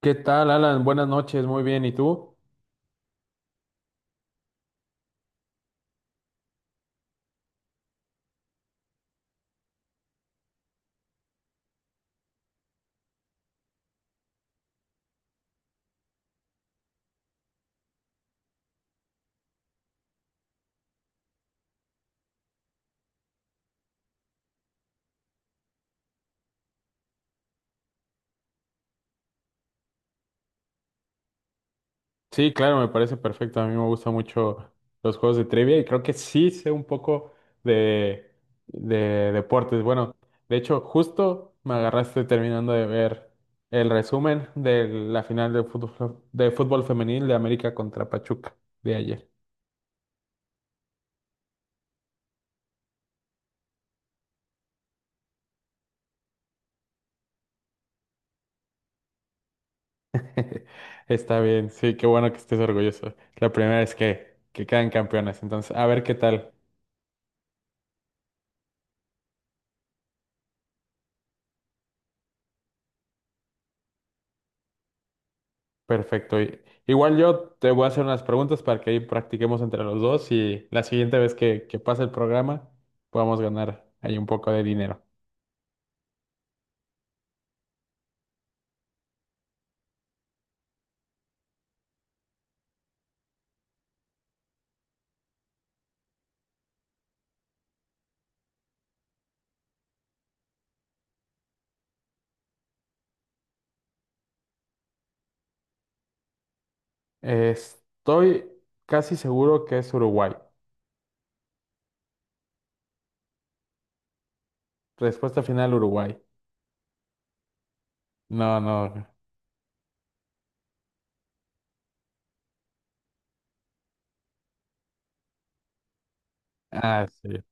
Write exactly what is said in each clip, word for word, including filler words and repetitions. ¿Qué tal, Alan? Buenas noches, muy bien. ¿Y tú? Sí, claro, me parece perfecto. A mí me gustan mucho los juegos de trivia y creo que sí sé un poco de, de deportes. Bueno, de hecho, justo me agarraste terminando de ver el resumen de la final de fútbol, de fútbol femenil de América contra Pachuca de ayer. Está bien, sí, qué bueno que estés orgulloso. La primera vez que, que quedan campeonas. Entonces, a ver qué tal. Perfecto. y Igual yo te voy a hacer unas preguntas para que ahí practiquemos entre los dos y la siguiente vez que, que pase el programa podamos ganar ahí un poco de dinero. Estoy casi seguro que es Uruguay. Respuesta final, Uruguay. No, no. Ah, sí.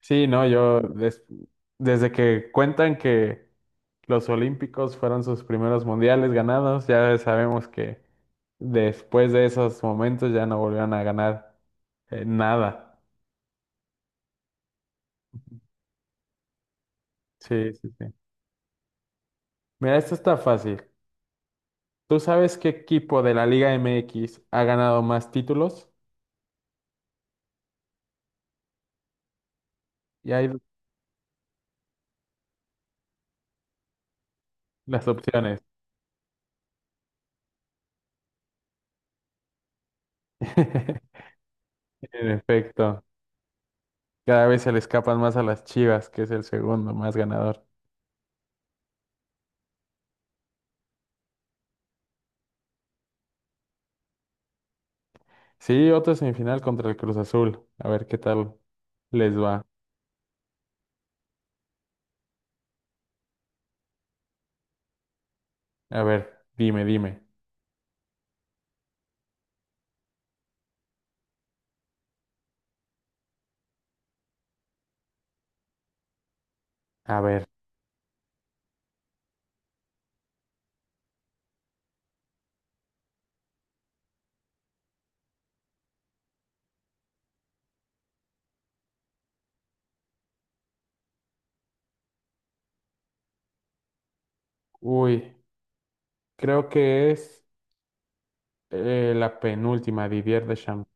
Sí, no, yo des- desde que cuentan que los Olímpicos fueron sus primeros mundiales ganados, ya sabemos que después de esos momentos ya no volvieron a ganar eh, nada. Sí, sí, sí. Mira, esto está fácil. ¿Tú sabes qué equipo de la Liga M X ha ganado más títulos? Y hay las opciones. En efecto, cada vez se le escapan más a las Chivas, que es el segundo más ganador. Sí, otra semifinal contra el Cruz Azul. A ver qué tal les va. A ver, dime, dime. A ver. Uy, creo que es eh, la penúltima, Didier Deschamps.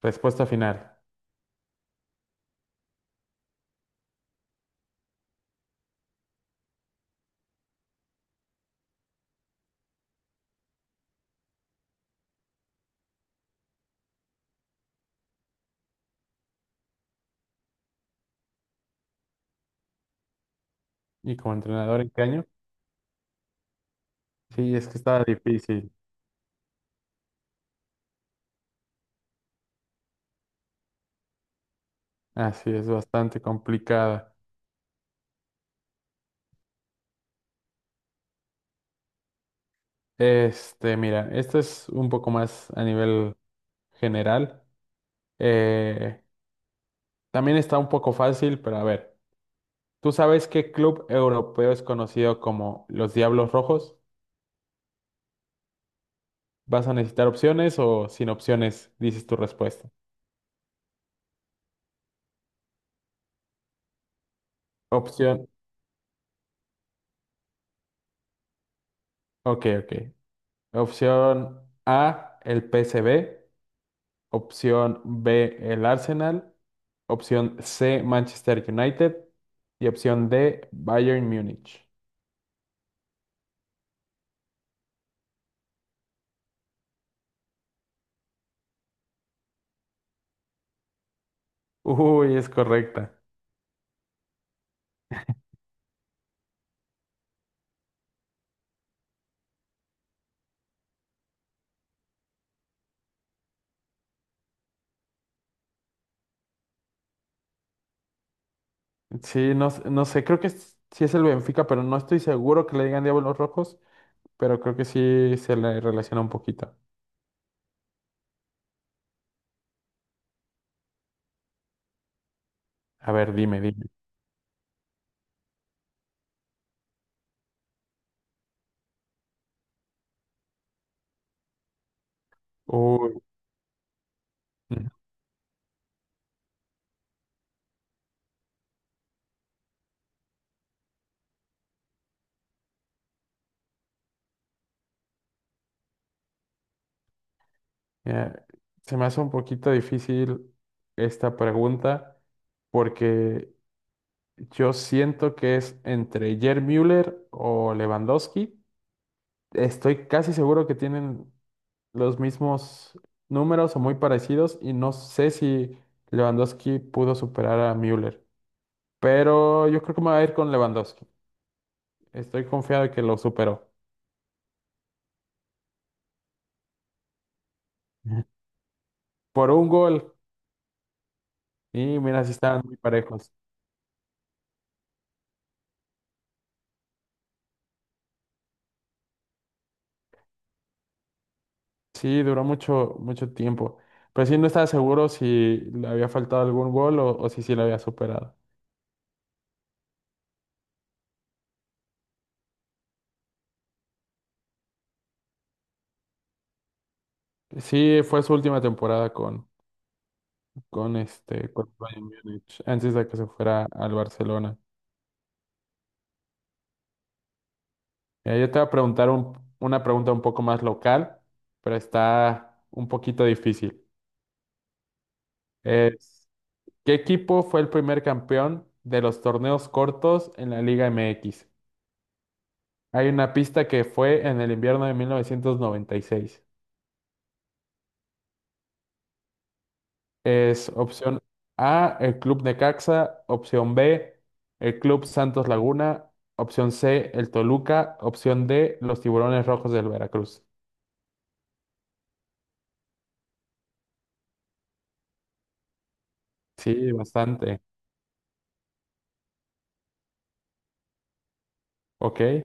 Respuesta final. ¿Y como entrenador en qué año? Sí, es que estaba difícil. Así es, bastante complicada. Este, mira, esta es un poco más a nivel general. Eh, también está un poco fácil, pero a ver, ¿tú sabes qué club europeo es conocido como los Diablos Rojos? ¿Vas a necesitar opciones o sin opciones dices tu respuesta? Opción, ok, ok. Opción A, el P PSV. Opción B, el Arsenal. Opción C, Manchester United. Y opción D, Bayern Múnich. Uy, es correcta. Sí, no, s- no sé, creo que es- sí es el Benfica, pero no estoy seguro que le digan Diablos Rojos, pero creo que sí se le relaciona un poquito. A ver, dime, dime. Uy, mm, Mira, se me hace un poquito difícil esta pregunta porque yo siento que es entre Jair Müller o Lewandowski. Estoy casi seguro que tienen los mismos números o muy parecidos y no sé si Lewandowski pudo superar a Müller, pero yo creo que me voy a ir con Lewandowski. Estoy confiado de que lo superó. Ujú. Por un gol y mira, si estaban muy parejos. Sí, duró mucho, mucho tiempo, pero sí no estaba seguro si le había faltado algún gol o, o si sí lo había superado. Sí, fue su última temporada con, con este, con el Bayern Múnich, antes de que se fuera al Barcelona. Mira, yo te voy a preguntar un- una pregunta un poco más local, pero está un poquito difícil. Es, ¿qué equipo fue el primer campeón de los torneos cortos en la Liga M X? Hay una pista que fue en el invierno de mil novecientos noventa y seis. Es opción A, el Club Necaxa, opción B, el Club Santos Laguna, opción C, el Toluca, opción D, los Tiburones Rojos del Veracruz. Sí, bastante. Ok.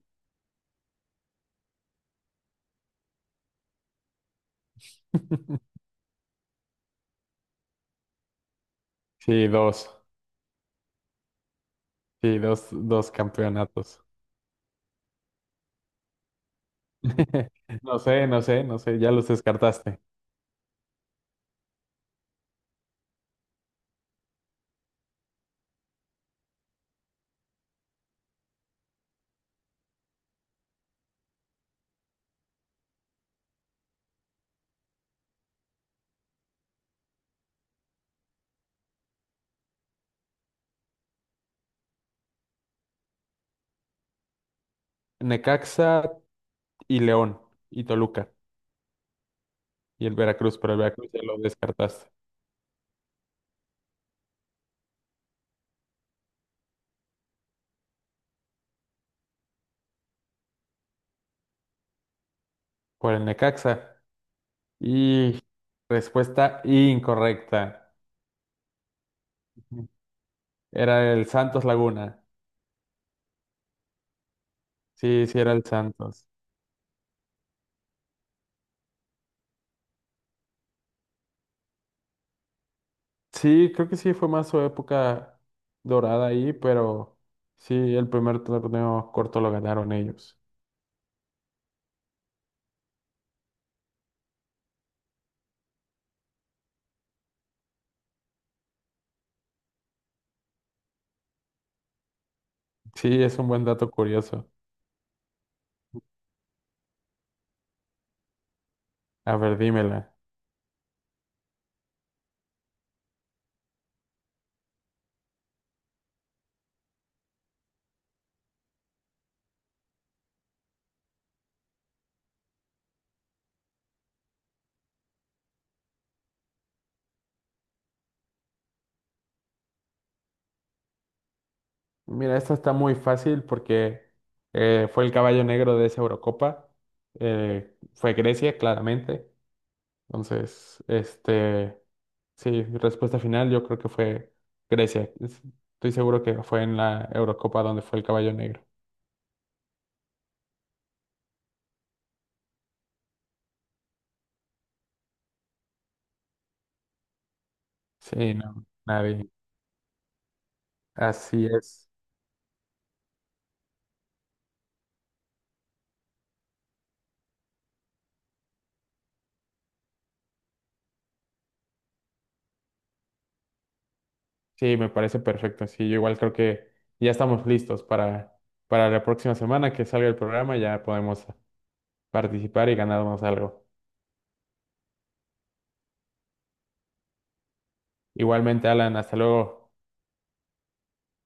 Sí, dos. Sí, dos, dos campeonatos. No sé, no sé, no sé, ya los descartaste. Necaxa y León y Toluca y el Veracruz, pero el Veracruz ya lo descartaste. Por el Necaxa. Y respuesta incorrecta. Era el Santos Laguna. Sí, sí, era el Santos. Sí, creo que sí fue más su época dorada ahí, pero sí, el primer torneo corto lo ganaron ellos. Sí, es un buen dato curioso. A ver, dímela. Mira, esta está muy fácil porque eh, fue el caballo negro de esa Eurocopa. Eh, fue Grecia, claramente. Entonces, este, sí, respuesta final, yo creo que fue Grecia. Es- Estoy seguro que fue en la Eurocopa donde fue el caballo negro. Sí, no, nadie. Así es. Sí, me parece perfecto. Sí, yo igual creo que ya estamos listos para, para la próxima semana que salga el programa, ya podemos participar y ganarnos algo. Igualmente, Alan, hasta luego.